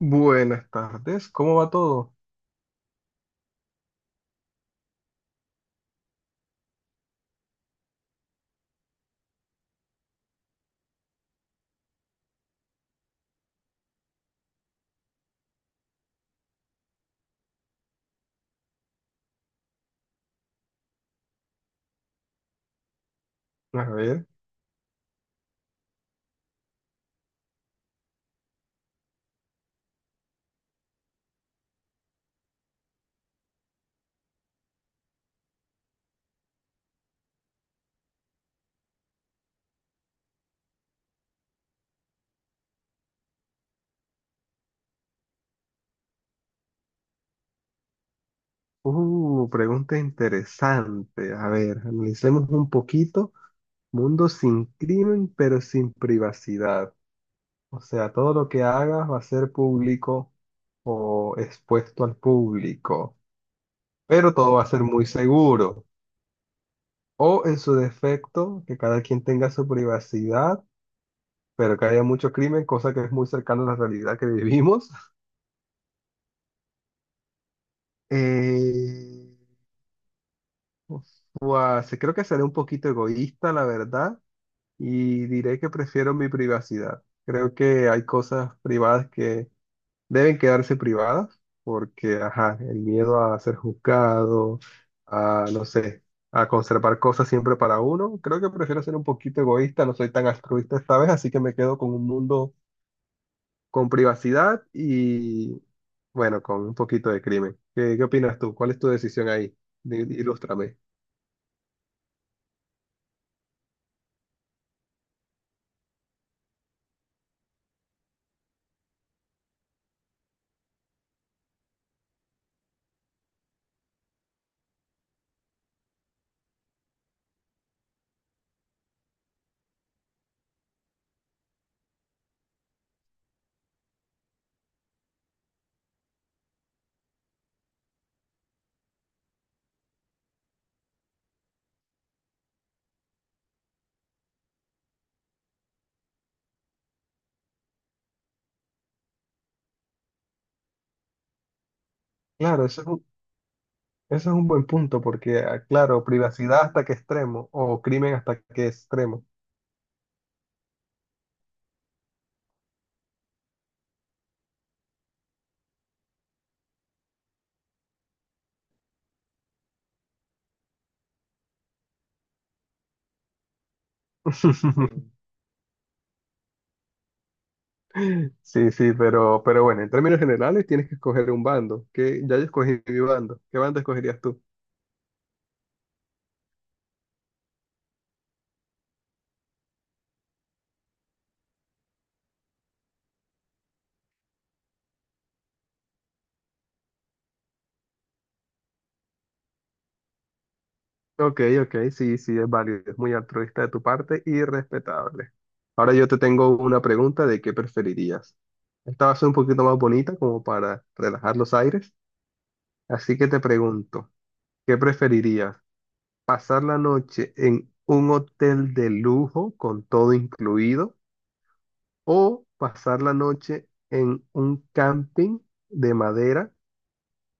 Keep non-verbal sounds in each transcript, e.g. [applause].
Buenas tardes, ¿cómo va todo? A ver, pregunta interesante. A ver, analicemos un poquito. Mundo sin crimen, pero sin privacidad. O sea, todo lo que hagas va a ser público o expuesto al público, pero todo va a ser muy seguro. O en su defecto, que cada quien tenga su privacidad, pero que haya mucho crimen, cosa que es muy cercana a la realidad que vivimos. [laughs] Eh, Uf, Guau, sí, creo que seré un poquito egoísta, la verdad, y diré que prefiero mi privacidad. Creo que hay cosas privadas que deben quedarse privadas, porque, ajá, el miedo a ser juzgado, a, no sé, a conservar cosas siempre para uno. Creo que prefiero ser un poquito egoísta, no soy tan altruista esta vez, así que me quedo con un mundo con privacidad y, bueno, con un poquito de crimen. ¿Qué, qué opinas tú? ¿Cuál es tu decisión ahí? Ilústrame. Claro, eso es un buen punto porque, ah, claro, privacidad hasta qué extremo o crimen hasta qué extremo. [laughs] Sí. Sí, sí, pero bueno, en términos generales tienes que escoger un bando. Que ya yo escogí mi bando. ¿Qué bando escogerías tú? Ok, ok, sí, sí, es válido, es muy altruista de tu parte y respetable. Ahora yo te tengo una pregunta de qué preferirías. Esta va a ser un poquito más bonita como para relajar los aires, así que te pregunto, ¿qué preferirías? Pasar la noche en un hotel de lujo con todo incluido o pasar la noche en un camping de madera,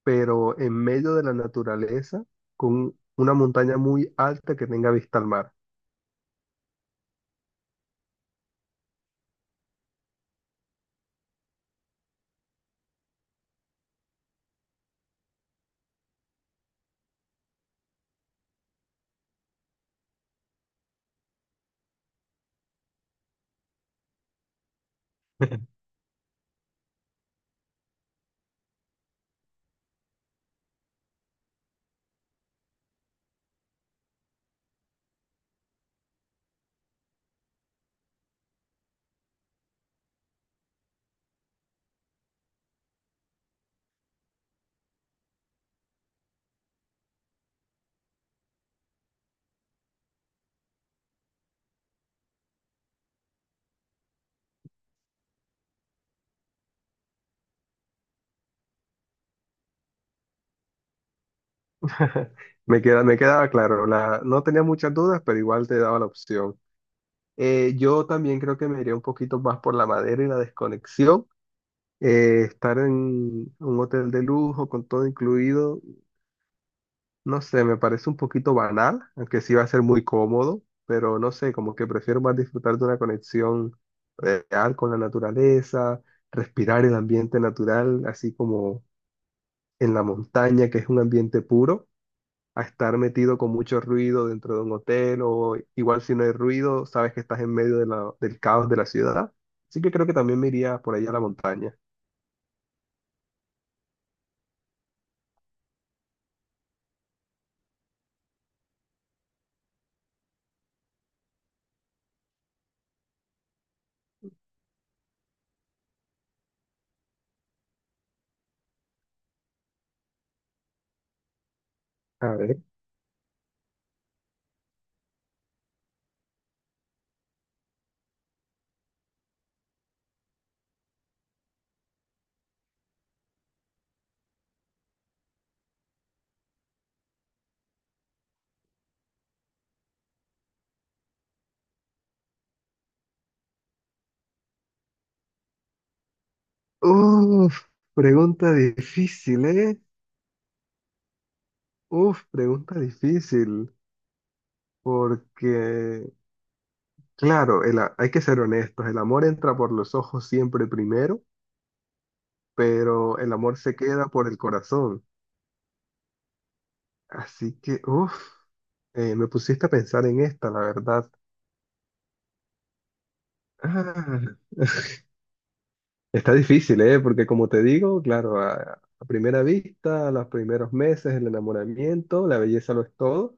pero en medio de la naturaleza con una montaña muy alta que tenga vista al mar. [laughs] Me quedaba claro, no tenía muchas dudas, pero igual te daba la opción. Yo también creo que me iría un poquito más por la madera y la desconexión. Estar en un hotel de lujo con todo incluido, no sé, me parece un poquito banal, aunque sí va a ser muy cómodo, pero no sé, como que prefiero más disfrutar de una conexión real con la naturaleza, respirar el ambiente natural, así como en la montaña, que es un ambiente puro, a estar metido con mucho ruido dentro de un hotel o igual si no hay ruido, sabes que estás en medio de del caos de la ciudad. Así que creo que también me iría por ahí a la montaña. A ver. Uf, pregunta difícil, ¿eh? Uf, pregunta difícil. Porque, claro, hay que ser honestos, el amor entra por los ojos siempre primero, pero el amor se queda por el corazón. Así que, uff, me pusiste a pensar en esta, la verdad. Ah, está difícil, ¿eh? Porque como te digo, claro, a primera vista, a los primeros meses, el enamoramiento, la belleza lo es todo,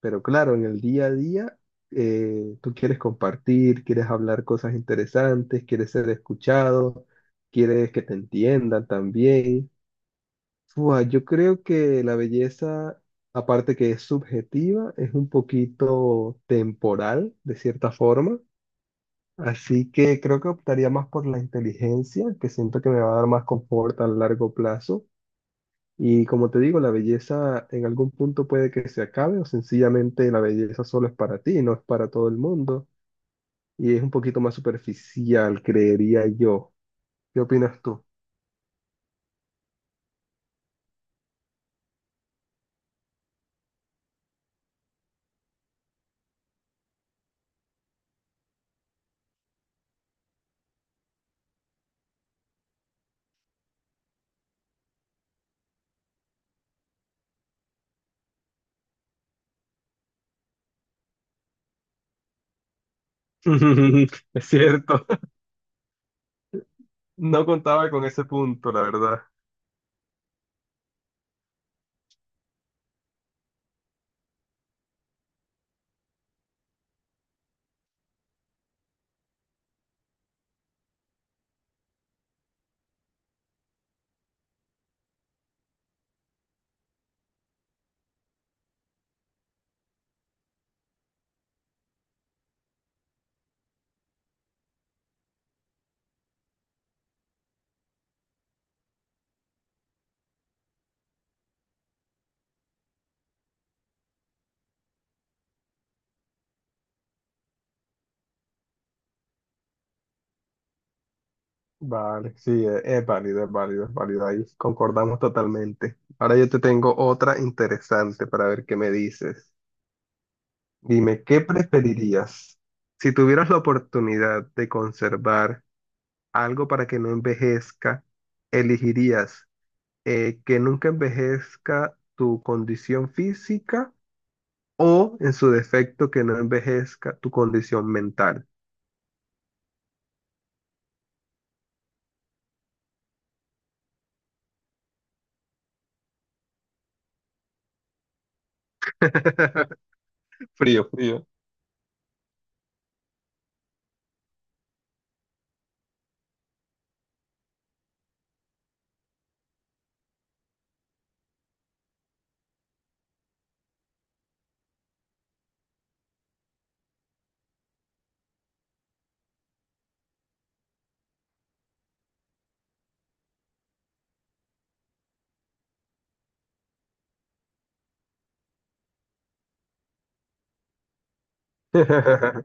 pero claro, en el día a día, tú quieres compartir, quieres hablar cosas interesantes, quieres ser escuchado, quieres que te entiendan también. Fua, yo creo que la belleza, aparte que es subjetiva, es un poquito temporal, de cierta forma. Así que creo que optaría más por la inteligencia, que siento que me va a dar más confort a largo plazo. Y como te digo, la belleza en algún punto puede que se acabe o sencillamente la belleza solo es para ti, no es para todo el mundo. Y es un poquito más superficial, creería yo. ¿Qué opinas tú? [laughs] Es cierto, [laughs] no contaba con ese punto, la verdad. Vale, sí, es válido, es válido, es válido. Ahí concordamos totalmente. Ahora yo te tengo otra interesante para ver qué me dices. Dime, ¿qué preferirías? Si tuvieras la oportunidad de conservar algo para que no envejezca, ¿elegirías que nunca envejezca tu condición física o, en su defecto, que no envejezca tu condición mental? [laughs] Frío, frío. [laughs]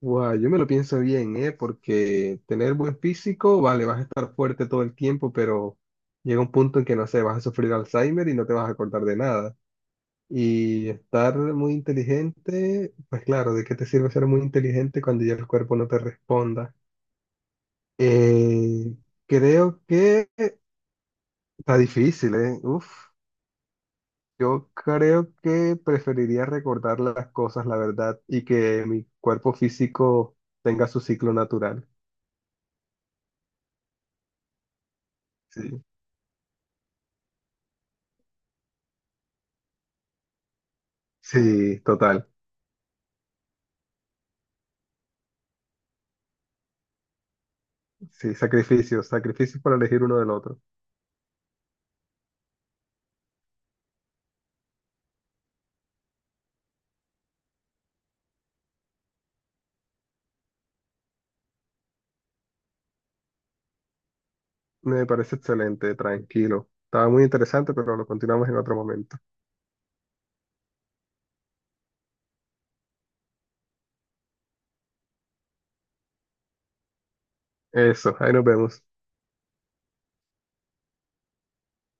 Guau, yo me lo pienso bien, ¿eh? Porque tener buen físico, vale, vas a estar fuerte todo el tiempo, pero llega un punto en que, no sé, vas a sufrir Alzheimer y no te vas a acordar de nada. Y estar muy inteligente, pues claro, ¿de qué te sirve ser muy inteligente cuando ya el cuerpo no te responda? Eh, creo que Está difícil, ¿eh? Uf, yo creo que preferiría recordar las cosas, la verdad, y que mi cuerpo físico tenga su ciclo natural. Sí, sí, total. Sí, sacrificios, sacrificios para elegir uno del otro. Me parece excelente, tranquilo. Estaba muy interesante, pero lo continuamos en otro momento. Eso, ahí nos vemos.